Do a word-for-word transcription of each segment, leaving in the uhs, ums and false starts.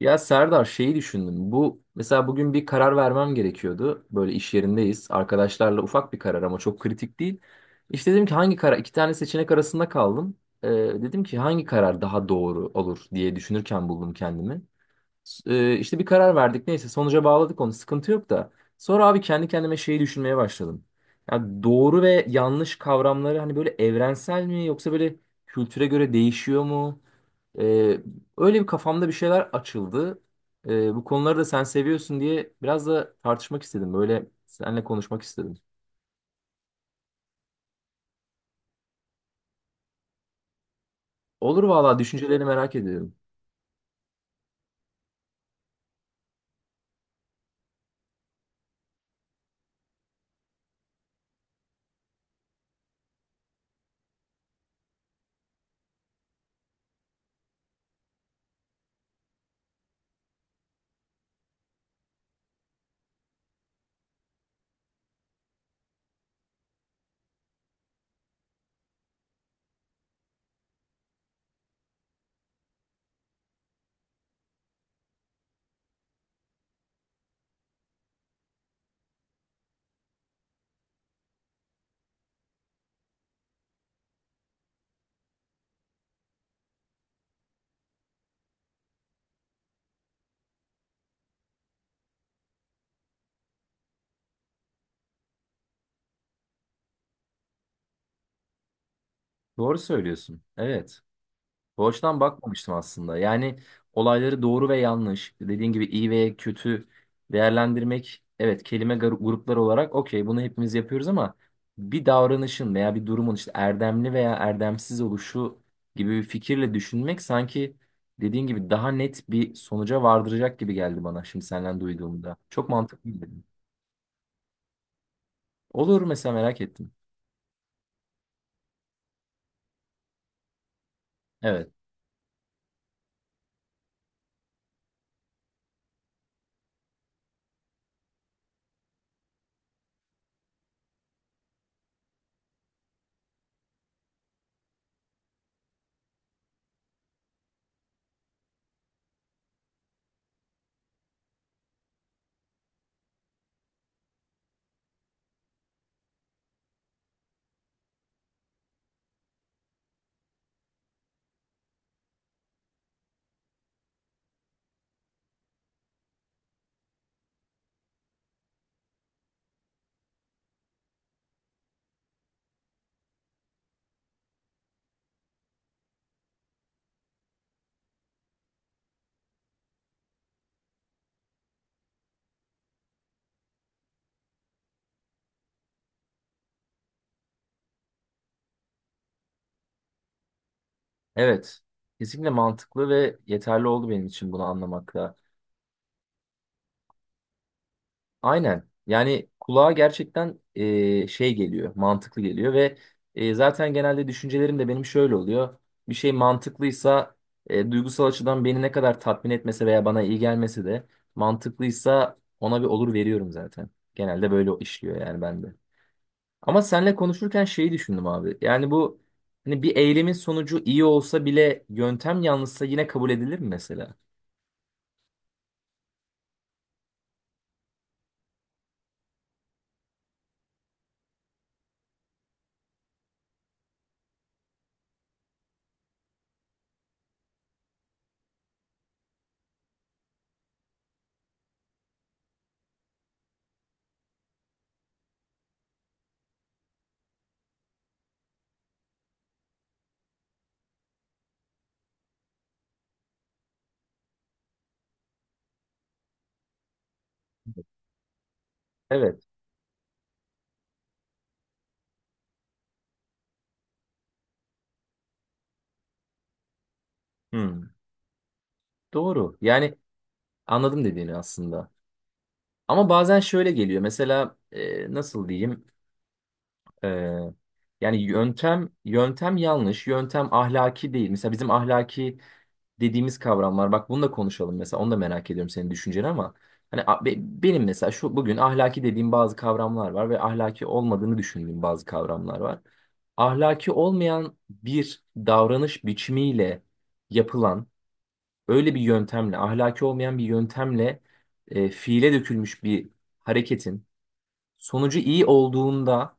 Ya Serdar şeyi düşündüm. Bu mesela bugün bir karar vermem gerekiyordu. Böyle iş yerindeyiz. Arkadaşlarla ufak bir karar ama çok kritik değil. İşte dedim ki hangi karar? İki tane seçenek arasında kaldım. Ee, Dedim ki hangi karar daha doğru olur diye düşünürken buldum kendimi. S- Ee, işte bir karar verdik. Neyse sonuca bağladık onu. Sıkıntı yok da. Sonra abi kendi kendime şeyi düşünmeye başladım. Ya doğru ve yanlış kavramları hani böyle evrensel mi yoksa böyle kültüre göre değişiyor mu? Ee, Öyle bir kafamda bir şeyler açıldı. Ee, bu konuları da sen seviyorsun diye biraz da tartışmak istedim. Böyle seninle konuşmak istedim. Olur valla, düşüncelerini merak ediyorum. Doğru söylüyorsun. Evet. Bu açıdan bakmamıştım aslında. Yani olayları doğru ve yanlış, dediğin gibi iyi ve kötü değerlendirmek, evet, kelime gar- grupları olarak okey bunu hepimiz yapıyoruz ama bir davranışın veya bir durumun işte erdemli veya erdemsiz oluşu gibi bir fikirle düşünmek sanki dediğin gibi daha net bir sonuca vardıracak gibi geldi bana şimdi senden duyduğumda. Çok mantıklı dedim. Olur, mesela merak ettim. Evet. Evet. Kesinlikle mantıklı ve yeterli oldu benim için bunu anlamakla. Aynen. Yani kulağa gerçekten e, şey geliyor, mantıklı geliyor ve e, zaten genelde düşüncelerim de benim şöyle oluyor. Bir şey mantıklıysa e, duygusal açıdan beni ne kadar tatmin etmese veya bana iyi gelmese de mantıklıysa ona bir olur veriyorum zaten. Genelde böyle işliyor yani bende. Ama seninle konuşurken şeyi düşündüm abi. Yani bu hani bir eylemin sonucu iyi olsa bile yöntem yanlışsa yine kabul edilir mi mesela? Evet. Hmm. Doğru. Yani anladım dediğini aslında. Ama bazen şöyle geliyor. Mesela e, nasıl diyeyim? E, Yani yöntem yöntem yanlış, yöntem ahlaki değil. Mesela bizim ahlaki dediğimiz kavram var. Bak bunu da konuşalım mesela. Onu da merak ediyorum senin düşünceni ama hani a- be- benim mesela şu bugün ahlaki dediğim bazı kavramlar var ve ahlaki olmadığını düşündüğüm bazı kavramlar var. Ahlaki olmayan bir davranış biçimiyle yapılan öyle bir yöntemle, ahlaki olmayan bir yöntemle e, fiile dökülmüş bir hareketin sonucu iyi olduğunda,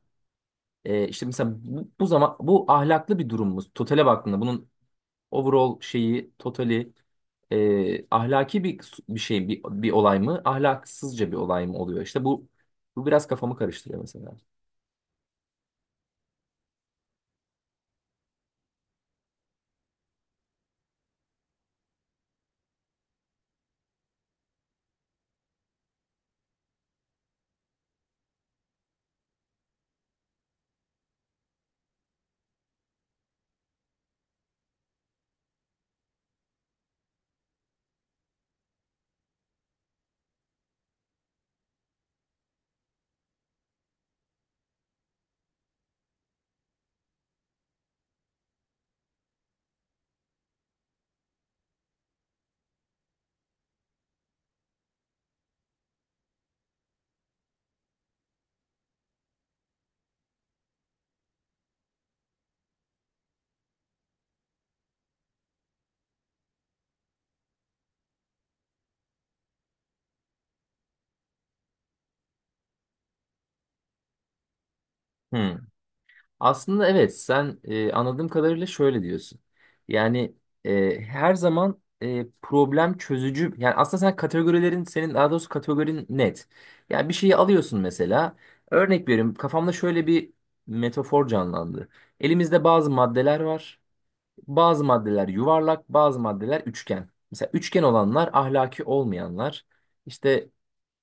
e, işte mesela bu, bu zaman bu ahlaklı bir durumumuz. Totale baktığında bunun overall şeyi totali e, ahlaki bir bir şey bir, bir olay mı, ahlaksızca bir olay mı oluyor? İşte bu bu biraz kafamı karıştırıyor mesela. Hmm. Aslında evet, sen e, anladığım kadarıyla şöyle diyorsun. Yani e, her zaman e, problem çözücü, yani aslında sen kategorilerin senin, daha doğrusu kategorin net. Yani bir şeyi alıyorsun mesela, örnek veriyorum, kafamda şöyle bir metafor canlandı. Elimizde bazı maddeler var. Bazı maddeler yuvarlak, bazı maddeler üçgen. Mesela üçgen olanlar ahlaki olmayanlar. İşte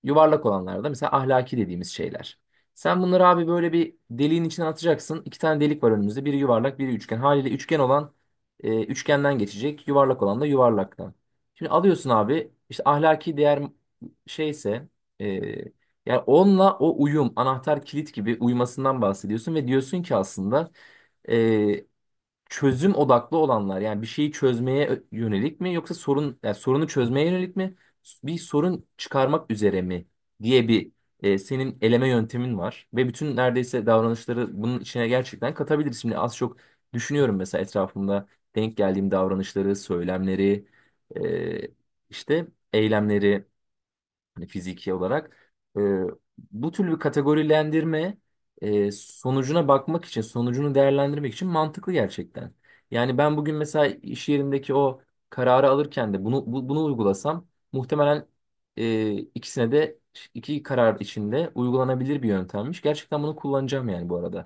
yuvarlak olanlar da mesela ahlaki dediğimiz şeyler. Sen bunları abi böyle bir deliğin içine atacaksın. İki tane delik var önümüzde. Biri yuvarlak, biri üçgen. Haliyle üçgen olan e, üçgenden geçecek. Yuvarlak olan da yuvarlaktan. Şimdi alıyorsun abi işte ahlaki değer şeyse, e, yani onunla o uyum, anahtar kilit gibi uyumasından bahsediyorsun ve diyorsun ki aslında e, çözüm odaklı olanlar, yani bir şeyi çözmeye ö- yönelik mi, yoksa sorun, yani sorunu çözmeye yönelik mi, s- bir sorun çıkarmak üzere mi diye bir e, senin eleme yöntemin var ve bütün neredeyse davranışları bunun içine gerçekten katabiliriz. Şimdi az çok düşünüyorum mesela etrafımda denk geldiğim davranışları, söylemleri, e, işte eylemleri, hani fiziki olarak. E, Bu tür bir kategorilendirme e, sonucuna bakmak için, sonucunu değerlendirmek için mantıklı gerçekten. Yani ben bugün mesela iş yerindeki o kararı alırken de bunu, bu- bunu uygulasam muhtemelen e, ikisine de, iki karar içinde uygulanabilir bir yöntemmiş. Gerçekten bunu kullanacağım yani bu arada.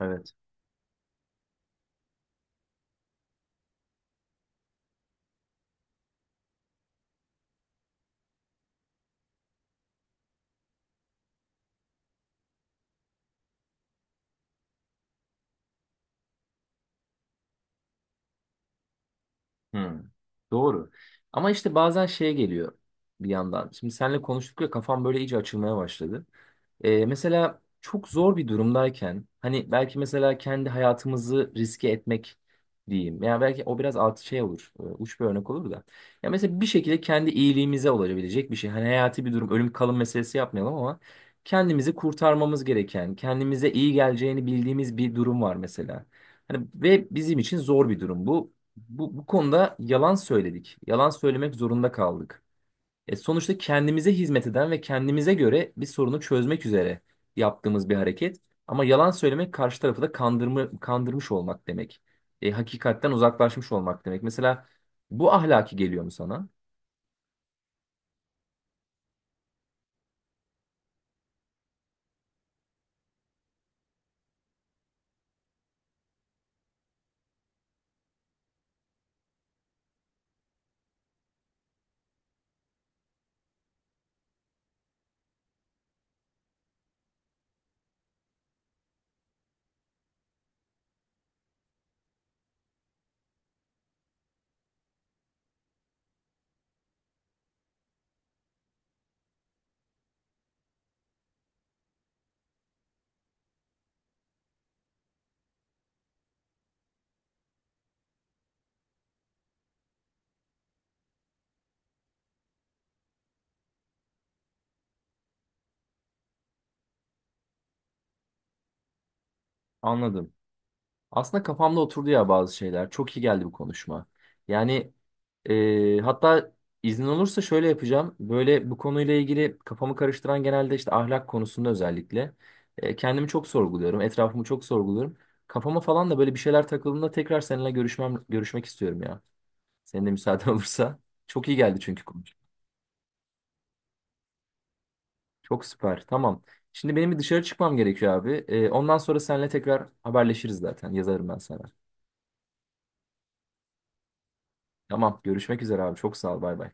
Evet. Hmm, doğru. Ama işte bazen şeye geliyor bir yandan. Şimdi seninle konuştuk ya, kafam böyle iyice açılmaya başladı. Ee, mesela çok zor bir durumdayken hani belki mesela kendi hayatımızı riske etmek diyeyim. Yani belki o biraz altı şey olur. e, Uç bir örnek olur da. Ya mesela bir şekilde kendi iyiliğimize olabilecek bir şey. Hani hayati bir durum, ölüm kalım meselesi yapmayalım ama kendimizi kurtarmamız gereken, kendimize iyi geleceğini bildiğimiz bir durum var mesela. Hani ve bizim için zor bir durum bu. Bu, bu konuda yalan söyledik. Yalan söylemek zorunda kaldık. E, sonuçta kendimize hizmet eden ve kendimize göre bir sorunu çözmek üzere yaptığımız bir hareket. Ama yalan söylemek karşı tarafı da kandırma, kandırmış olmak demek. E, hakikatten uzaklaşmış olmak demek. Mesela bu ahlaki geliyor mu sana? Anladım. Aslında kafamda oturdu ya bazı şeyler. Çok iyi geldi bu konuşma. Yani e, hatta iznin olursa şöyle yapacağım. Böyle bu konuyla ilgili kafamı karıştıran, genelde işte ahlak konusunda özellikle e, kendimi çok sorguluyorum. Etrafımı çok sorguluyorum. Kafama falan da böyle bir şeyler takıldığında tekrar seninle görüşmem, görüşmek istiyorum ya. Senin de müsaaden olursa. Çok iyi geldi çünkü konu. Çok süper. Tamam. Şimdi benim bir dışarı çıkmam gerekiyor abi. E, ondan sonra seninle tekrar haberleşiriz zaten. Yazarım ben sana. Tamam. Görüşmek üzere abi. Çok sağ ol. Bay bay.